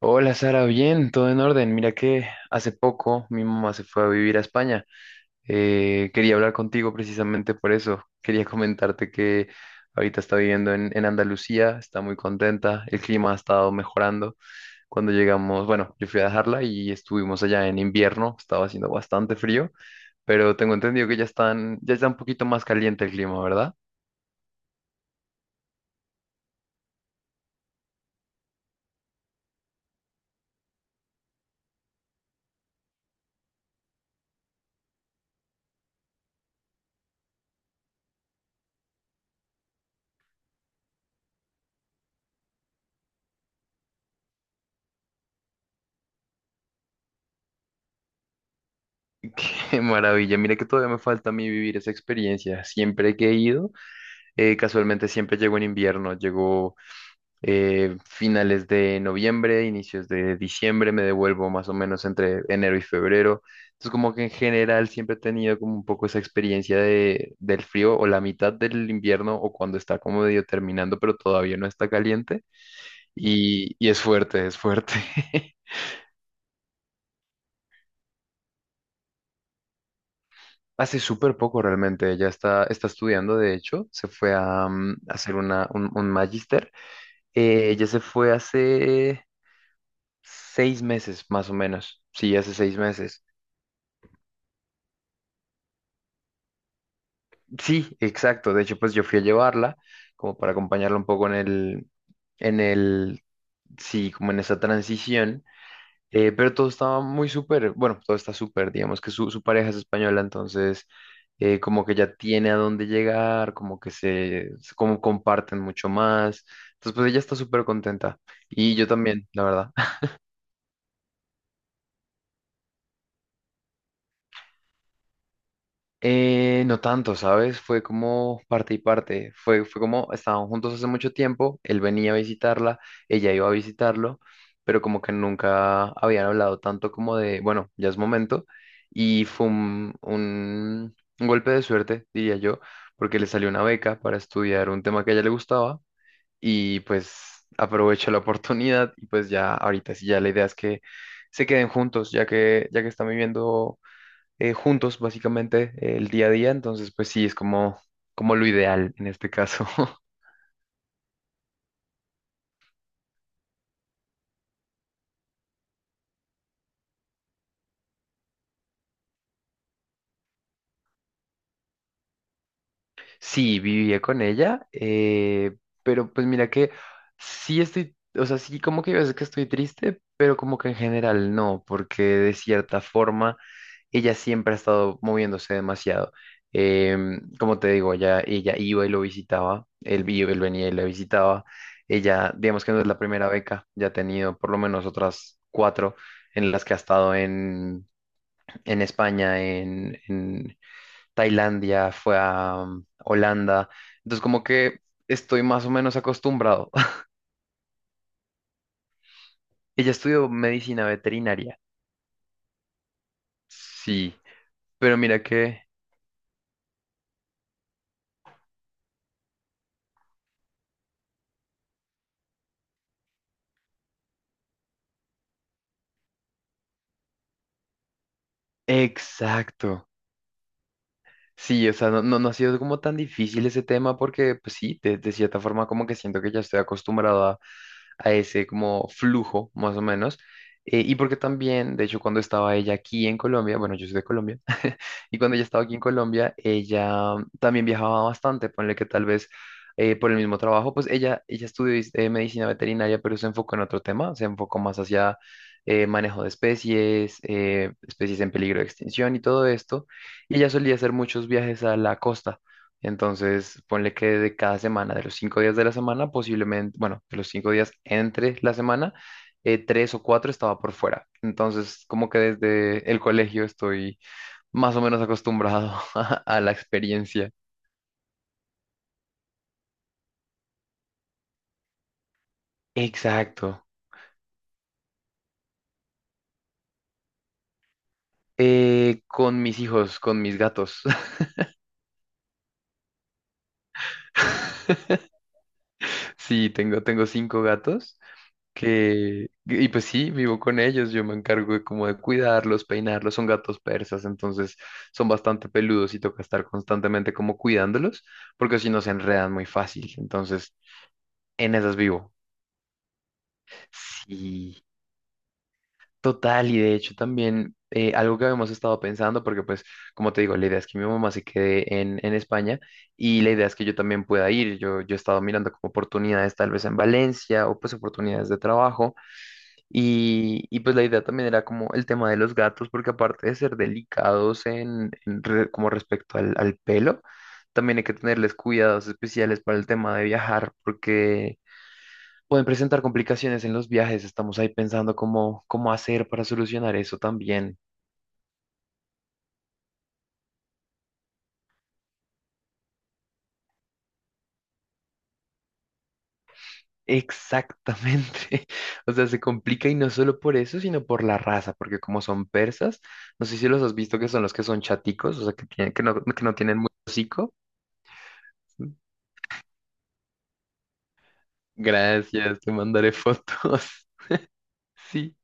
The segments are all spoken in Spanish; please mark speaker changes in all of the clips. Speaker 1: Hola Sara, bien, todo en orden. Mira que hace poco mi mamá se fue a vivir a España. Quería hablar contigo precisamente por eso. Quería comentarte que ahorita está viviendo en Andalucía, está muy contenta, el clima ha estado mejorando. Cuando llegamos, bueno, yo fui a dejarla y estuvimos allá en invierno, estaba haciendo bastante frío, pero tengo entendido que ya está un poquito más caliente el clima, ¿verdad? Qué maravilla, mira que todavía me falta a mí vivir esa experiencia. Siempre que he ido Casualmente siempre llegó en invierno, llegó finales de noviembre, inicios de diciembre, me devuelvo más o menos entre enero y febrero. Entonces como que en general siempre he tenido como un poco esa experiencia del frío o la mitad del invierno o cuando está como medio terminando pero todavía no está caliente y es fuerte, es fuerte. Hace súper poco realmente, ella está estudiando, de hecho, se fue a hacer un magíster. Ella se fue hace 6 meses, más o menos. Sí, hace 6 meses. Sí, exacto. De hecho, pues yo fui a llevarla como para acompañarla un poco en el, en el, sí, como en esa transición. Pero todo estaba muy súper, bueno, todo está súper, digamos que su pareja es española, entonces como que ya tiene a dónde llegar, como que como comparten mucho más. Entonces, pues ella está súper contenta. Y yo también, la verdad. No tanto, ¿sabes? Fue como parte y parte. Fue como estaban juntos hace mucho tiempo, él venía a visitarla, ella iba a visitarlo, pero como que nunca habían hablado tanto como de, bueno, ya es momento. Y fue un golpe de suerte, diría yo, porque le salió una beca para estudiar un tema que a ella le gustaba y pues aprovechó la oportunidad y pues ya ahorita sí, ya la idea es que se queden juntos, ya que están viviendo juntos, básicamente, el día a día. Entonces, pues sí, es como lo ideal en este caso. Sí, vivía con ella, pero pues mira que sí estoy, o sea, sí como que a veces que estoy triste, pero como que en general no, porque de cierta forma ella siempre ha estado moviéndose demasiado. Como te digo, ella iba y lo visitaba, él venía y la visitaba. Ella, digamos que no es la primera beca, ya ha tenido por lo menos otras cuatro en las que ha estado en, España, en Tailandia, fue a Holanda. Entonces, como que estoy más o menos acostumbrado. Ella estudió medicina veterinaria, sí, pero mira que. Exacto. Sí, o sea, no, no, no ha sido como tan difícil ese tema porque, pues sí, de cierta forma como que siento que ya estoy acostumbrado a ese como flujo, más o menos. Y porque también, de hecho, cuando estaba ella aquí en Colombia, bueno, yo soy de Colombia, y cuando ella estaba aquí en Colombia, ella también viajaba bastante, ponle que tal vez por el mismo trabajo, pues ella estudió medicina veterinaria, pero se enfocó en otro tema, se enfocó más hacia manejo de especies en peligro de extinción y todo esto. Y ella solía hacer muchos viajes a la costa. Entonces, ponle que de cada semana, de los 5 días de la semana, posiblemente, bueno, de los 5 días entre la semana, tres o cuatro estaba por fuera. Entonces, como que desde el colegio estoy más o menos acostumbrado a la experiencia. Exacto. Con mis hijos, con mis gatos. Sí, tengo cinco gatos y pues sí, vivo con ellos. Yo me encargo de como de cuidarlos, peinarlos. Son gatos persas, entonces son bastante peludos y toca estar constantemente como cuidándolos, porque si no se enredan muy fácil. Entonces, en esas vivo. Sí. Total, y de hecho también algo que habíamos estado pensando, porque pues como te digo, la idea es que mi mamá se quede en España y la idea es que yo también pueda ir. Yo he estado mirando como oportunidades tal vez en Valencia o pues oportunidades de trabajo y pues la idea también era como el tema de los gatos, porque aparte de ser delicados en, como respecto al pelo, también hay que tenerles cuidados especiales para el tema de viajar, porque pueden presentar complicaciones en los viajes. Estamos ahí pensando cómo hacer para solucionar eso también. Exactamente. O sea, se complica y no solo por eso, sino por la raza, porque como son persas, no sé si los has visto que son los que son chaticos, o sea, que no tienen mucho hocico. Gracias, te mandaré fotos. Sí.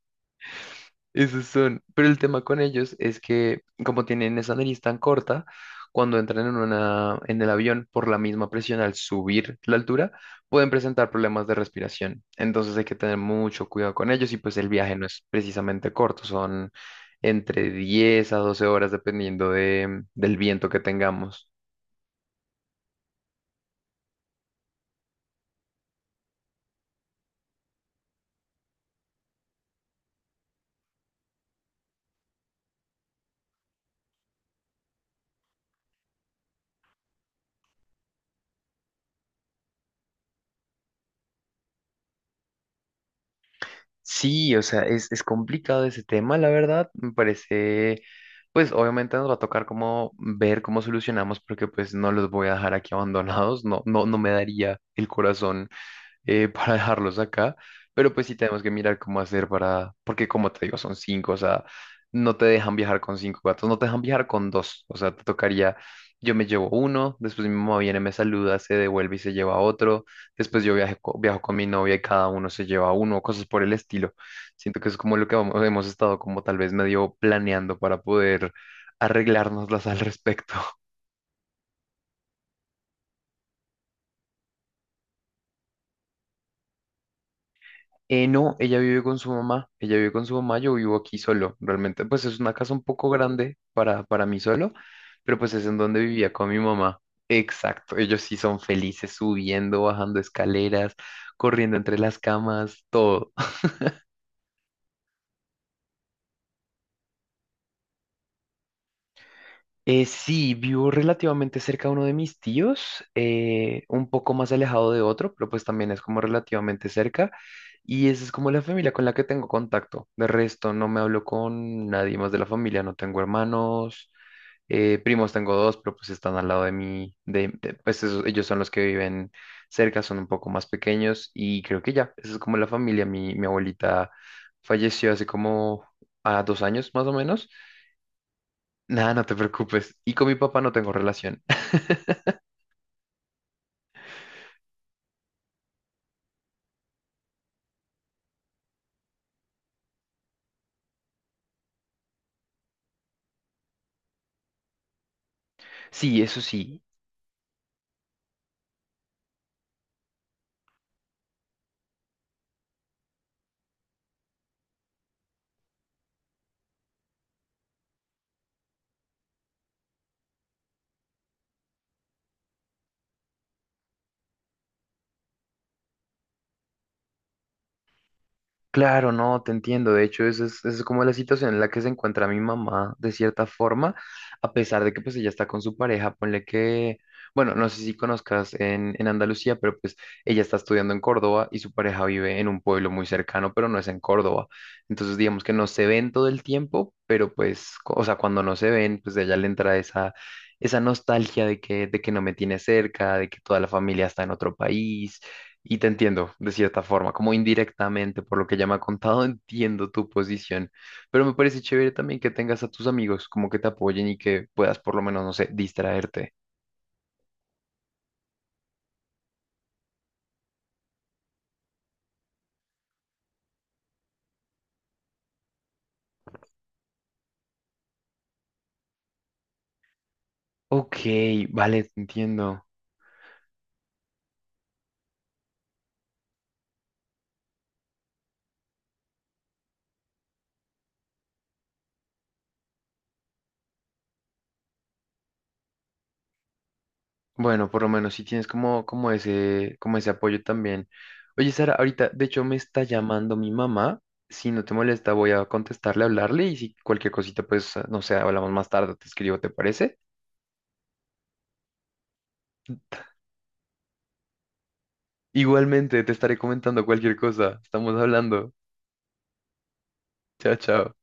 Speaker 1: Esos son. Pero el tema con ellos es que, como tienen esa nariz tan corta, cuando entran en el avión, por la misma presión al subir la altura, pueden presentar problemas de respiración. Entonces hay que tener mucho cuidado con ellos y pues el viaje no es precisamente corto, son entre 10 a 12 horas dependiendo del viento que tengamos. Sí, o sea, es complicado ese tema, la verdad. Me parece pues obviamente nos va a tocar como ver cómo solucionamos, porque pues no los voy a dejar aquí abandonados, no, no, no me daría el corazón para dejarlos acá, pero pues sí tenemos que mirar cómo hacer para, porque como te digo, son cinco, o sea, no te dejan viajar con cinco gatos, no te dejan viajar con dos, o sea, te tocaría, yo me llevo uno, después mi mamá viene, me saluda, se devuelve y se lleva otro, después yo viajo con mi novia y cada uno se lleva uno, cosas por el estilo. Siento que es como lo que hemos estado como tal vez medio planeando para poder arreglárnoslas al respecto. No, ella vive con su mamá, ella vive con su mamá, yo vivo aquí solo, realmente pues es una casa un poco grande para mí solo, pero pues es en donde vivía con mi mamá. Exacto, ellos sí son felices subiendo, bajando escaleras, corriendo entre las camas. Sí, vivo relativamente cerca de uno de mis tíos, un poco más alejado de otro, pero pues también es como relativamente cerca. Y esa es como la familia con la que tengo contacto. De resto, no me hablo con nadie más de la familia, no tengo hermanos, primos tengo dos, pero pues están al lado de mí. Ellos son los que viven cerca, son un poco más pequeños y creo que ya, esa es como la familia. Mi abuelita falleció hace como a 2 años más o menos. Nada, no te preocupes. Y con mi papá no tengo relación. Sí, eso sí. Claro, no, te entiendo. De hecho, esa es como la situación en la que se encuentra mi mamá, de cierta forma, a pesar de que pues ella está con su pareja, ponle que, bueno, no sé si conozcas en, Andalucía, pero pues ella está estudiando en Córdoba y su pareja vive en un pueblo muy cercano, pero no es en Córdoba. Entonces, digamos que no se ven todo el tiempo, pero pues, o sea, cuando no se ven, pues a ella le entra esa nostalgia de que no me tiene cerca, de que toda la familia está en otro país y te entiendo, de cierta forma, como indirectamente, por lo que ya me ha contado, entiendo tu posición, pero me parece chévere también que tengas a tus amigos como que te apoyen y que puedas por lo menos, no sé, distraerte. Ok, vale, te entiendo. Bueno, por lo menos si tienes como ese apoyo también. Oye, Sara, ahorita, de hecho, me está llamando mi mamá. Si no te molesta, voy a contestarle, hablarle y si cualquier cosita, pues, ah, no sé, hablamos más tarde, te escribo, ¿te parece? Igualmente, te estaré comentando cualquier cosa. Estamos hablando. Chao, chao.